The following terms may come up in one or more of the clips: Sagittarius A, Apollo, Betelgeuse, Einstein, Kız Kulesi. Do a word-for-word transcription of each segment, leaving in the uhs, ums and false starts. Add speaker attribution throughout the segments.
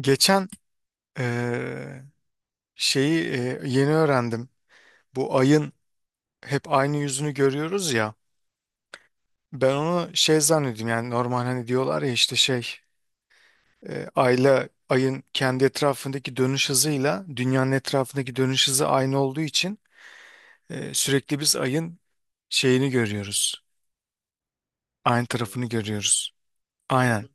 Speaker 1: Geçen eee, şeyi eee, yeni öğrendim. Bu ayın hep aynı yüzünü görüyoruz ya. Ben onu şey zannediyorum yani, normal hani diyorlar ya işte şey eee, ayla ayın kendi etrafındaki dönüş hızıyla dünyanın etrafındaki dönüş hızı aynı olduğu için eee, sürekli biz ayın şeyini görüyoruz. Aynı tarafını görüyoruz. Aynen.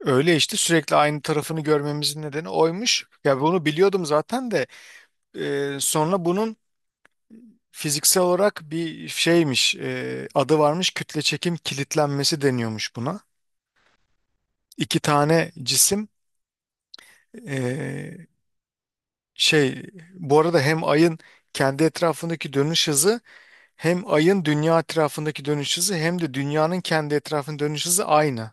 Speaker 1: Öyle işte, sürekli aynı tarafını görmemizin nedeni oymuş. Ya bunu biliyordum zaten de eee, sonra bunun fiziksel olarak bir şeymiş, e, adı varmış, kütle çekim kilitlenmesi deniyormuş buna. İki tane cisim, e, şey, bu arada hem ayın kendi etrafındaki dönüş hızı, hem ayın dünya etrafındaki dönüş hızı, hem de dünyanın kendi etrafındaki dönüş hızı aynı.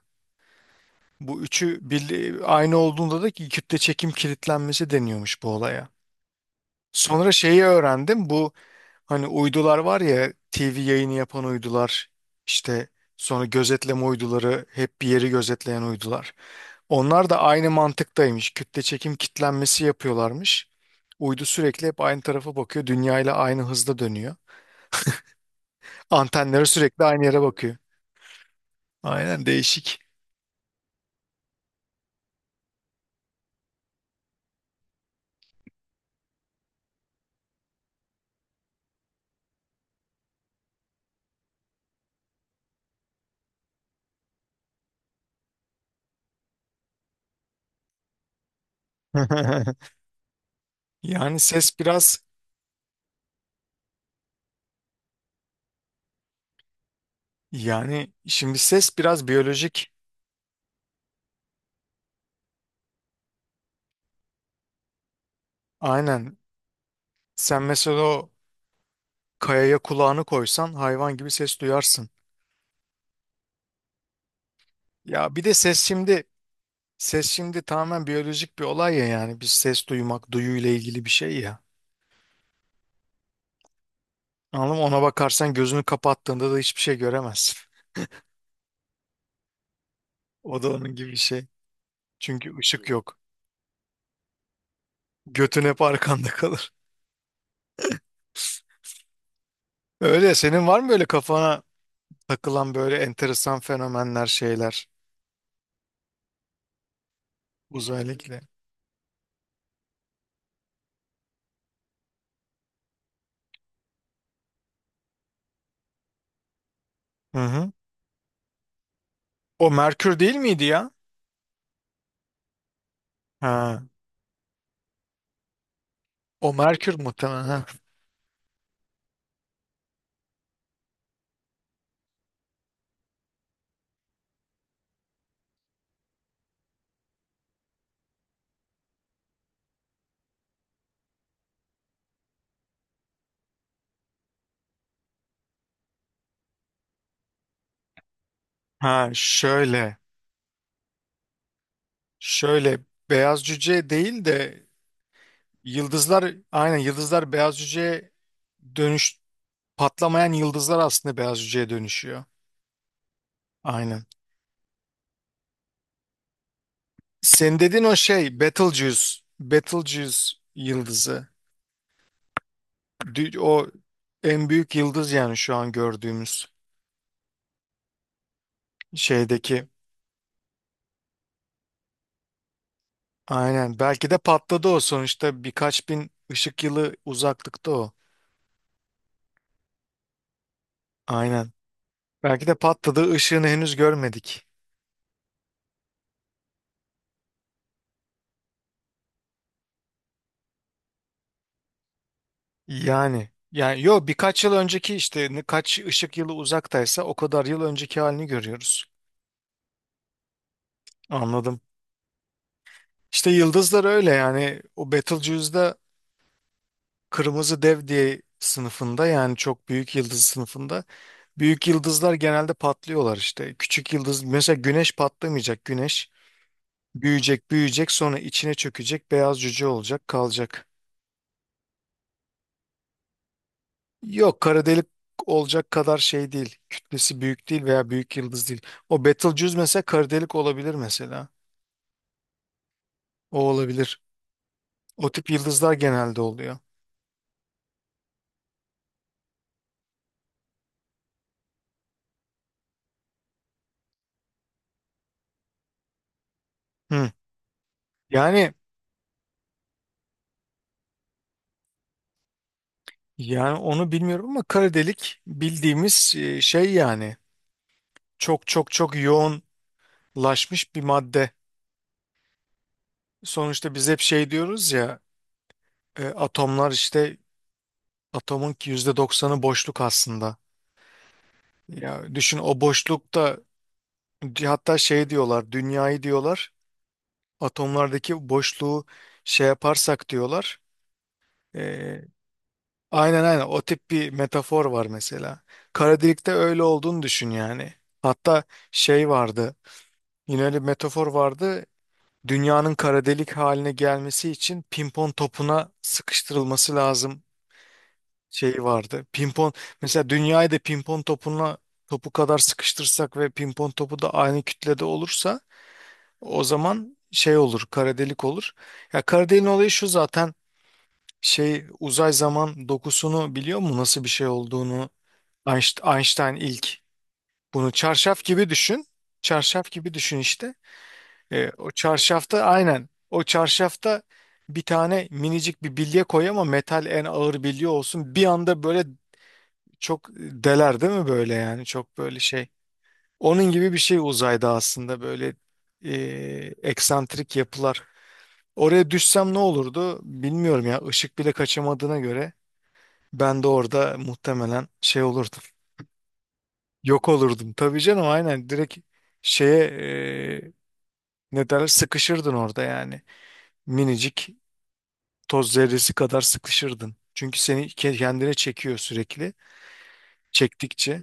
Speaker 1: Bu üçü bir, aynı olduğunda da ki kütle çekim kilitlenmesi deniyormuş bu olaya. Sonra şeyi öğrendim. Bu Hani uydular var ya, T V yayını yapan uydular işte, sonra gözetleme uyduları, hep bir yeri gözetleyen uydular. Onlar da aynı mantıktaymış. Kütle çekim kitlenmesi yapıyorlarmış. Uydu sürekli hep aynı tarafa bakıyor. Dünya ile aynı hızda dönüyor. Antenleri sürekli aynı yere bakıyor. Aynen, değişik. Yani ses biraz Yani şimdi ses biraz biyolojik. Aynen. Sen mesela o kayaya kulağını koysan hayvan gibi ses duyarsın. Ya bir de ses şimdi ses şimdi tamamen biyolojik bir olay ya, yani bir ses duymak duyuyla ilgili bir şey ya. Anladın mı? Ona bakarsan gözünü kapattığında da hiçbir şey göremezsin. O da onun gibi bir şey. Çünkü ışık yok. Götün hep arkanda kalır. Öyle, senin var mı böyle kafana takılan böyle enteresan fenomenler, şeyler, uzayla ilgili? Hı hı. O Merkür değil miydi ya? Ha. O Merkür muhtemelen. Ha, Ha, şöyle. Şöyle beyaz cüce değil de, yıldızlar, aynen yıldızlar beyaz cüceye dönüş, patlamayan yıldızlar aslında beyaz cüceye dönüşüyor. Aynen. Sen dedin o şey, Betelgeuse. Betelgeuse yıldızı. Dü- O en büyük yıldız, yani şu an gördüğümüz şeydeki. Aynen. Belki de patladı o, sonuçta birkaç bin ışık yılı uzaklıkta o. Aynen. Belki de patladığı ışığını henüz görmedik. Yani yani yo, birkaç yıl önceki işte, ne- kaç ışık yılı uzaktaysa o kadar yıl önceki halini görüyoruz. Anladım. İşte yıldızlar öyle, yani o Betelgeuse'da kırmızı dev diye sınıfında, yani çok büyük yıldız sınıfında, büyük yıldızlar genelde patlıyorlar işte. Küçük yıldız mesela güneş patlamayacak, güneş büyüyecek büyüyecek, sonra içine çökecek, beyaz cüce olacak kalacak. Yok, kara delik olacak kadar şey değil. Kütlesi büyük değil veya büyük yıldız değil. O Betelgeuse mesela kara delik olabilir mesela. O olabilir. O tip yıldızlar genelde oluyor. Hı. Yani yani onu bilmiyorum ama kara delik bildiğimiz, e, şey yani, çok çok çok yoğunlaşmış bir madde. Sonuçta biz hep şey diyoruz ya, e, atomlar işte, atomun yüzde doksanı boşluk aslında. Ya düşün o boşlukta, hatta şey diyorlar, dünyayı diyorlar, atomlardaki boşluğu şey yaparsak diyorlar. Ee, aynen aynen, o tip bir metafor var mesela. Kara delikte öyle olduğunu düşün yani. Hatta şey vardı, yine öyle bir metafor vardı. Dünyanın kara delik haline gelmesi için pimpon topuna sıkıştırılması lazım şeyi vardı. Pimpon, mesela dünyayı da pimpon topuna, topu kadar sıkıştırsak ve pimpon topu da aynı kütlede olursa, o zaman şey olur, kara delik olur. Ya kara deliğin olayı şu zaten, şey uzay zaman dokusunu biliyor mu, nasıl bir şey olduğunu. Einst- Einstein ilk bunu, çarşaf gibi düşün, çarşaf gibi düşün işte. E, o çarşafta, aynen o çarşafta bir tane minicik bir bilye koy ama metal, en ağır bilye olsun, bir anda böyle çok deler değil mi böyle, yani çok böyle şey, onun gibi bir şey uzayda aslında, böyle e, eksantrik yapılar. Oraya düşsem ne olurdu bilmiyorum ya, ışık bile kaçamadığına göre ben de orada muhtemelen şey olurdum. Yok olurdum. Tabii canım, aynen, direkt şeye, e, ne derler, sıkışırdın orada yani. Minicik, toz zerresi kadar sıkışırdın. Çünkü seni ke- kendine çekiyor sürekli. Çektikçe.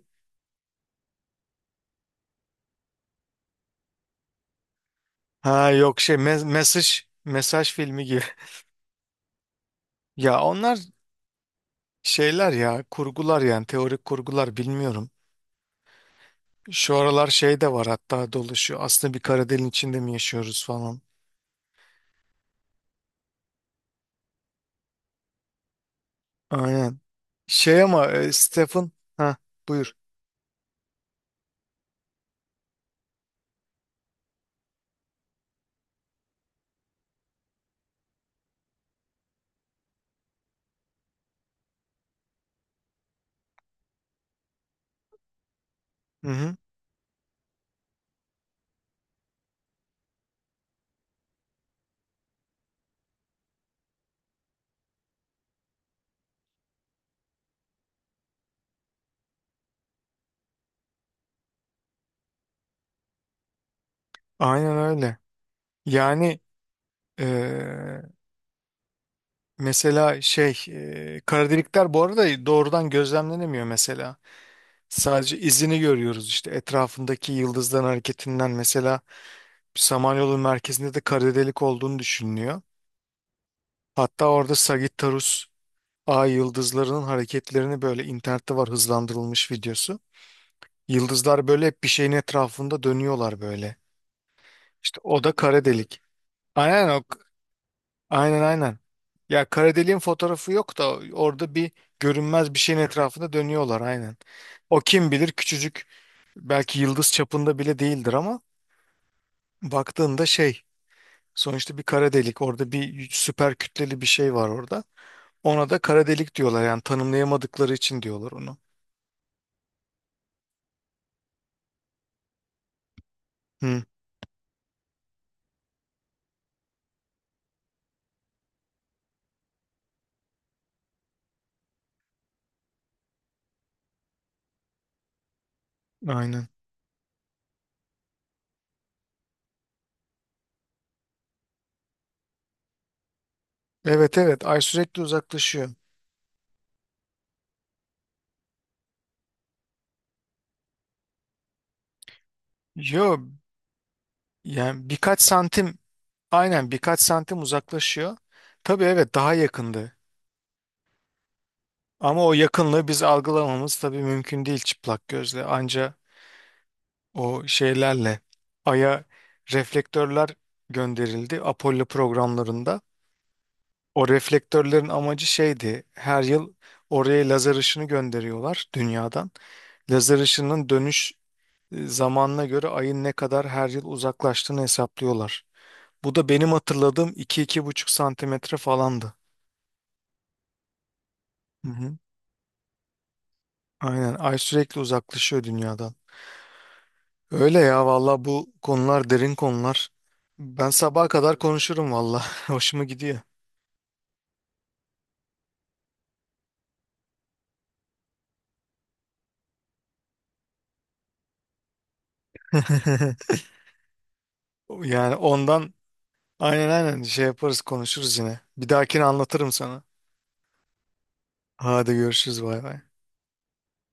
Speaker 1: Ha yok, şey, me- mesaj mesaj filmi gibi. Ya onlar şeyler ya, kurgular, yani teorik kurgular, bilmiyorum. Şu aralar şey de var, hatta dolaşıyor, aslında bir kara deliğin içinde mi yaşıyoruz falan. Aynen. Şey ama, e, Stephen, ha, buyur. Hı hı. Aynen öyle. Yani eee, mesela şey eee kara delikler bu arada doğrudan gözlemlenemiyor mesela. Sadece izini görüyoruz, işte etrafındaki yıldızların hareketinden mesela. Samanyolu merkezinde de kara delik olduğunu düşünülüyor. Hatta orada Sagittarius A yıldızlarının hareketlerini, böyle internette var hızlandırılmış videosu. Yıldızlar böyle hep bir şeyin etrafında dönüyorlar böyle. İşte o da kara delik. Aynen o. Aynen, aynen. Ya kara deliğin fotoğrafı yok da, orada bir görünmez bir şeyin etrafında dönüyorlar aynen. O kim bilir küçücük, belki yıldız çapında bile değildir ama baktığında şey, sonuçta bir kara delik orada, bir süper kütleli bir şey var orada. Ona da kara delik diyorlar, yani tanımlayamadıkları için diyorlar onu. Hı, aynen. Evet evet, ay sürekli uzaklaşıyor. Yo yani birkaç santim, aynen birkaç santim uzaklaşıyor. Tabii, evet, daha yakındı. Ama o yakınlığı biz algılamamız tabii mümkün değil çıplak gözle. Anca o şeylerle Ay'a reflektörler gönderildi, Apollo programlarında. O reflektörlerin amacı şeydi: her yıl oraya lazer ışını gönderiyorlar dünyadan. Lazer ışının dönüş e, zamanına göre Ay'ın ne kadar her yıl uzaklaştığını hesaplıyorlar. Bu da benim hatırladığım iki iki buçuk santimetre falandı. Hı hı. Aynen, Ay sürekli uzaklaşıyor dünyadan. Öyle ya valla, bu konular derin konular. Ben sabaha kadar konuşurum valla. Hoşuma gidiyor. Yani ondan, aynen aynen, şey yaparız, konuşuruz yine. Bir dahakine anlatırım sana. Hadi, görüşürüz, bay bay.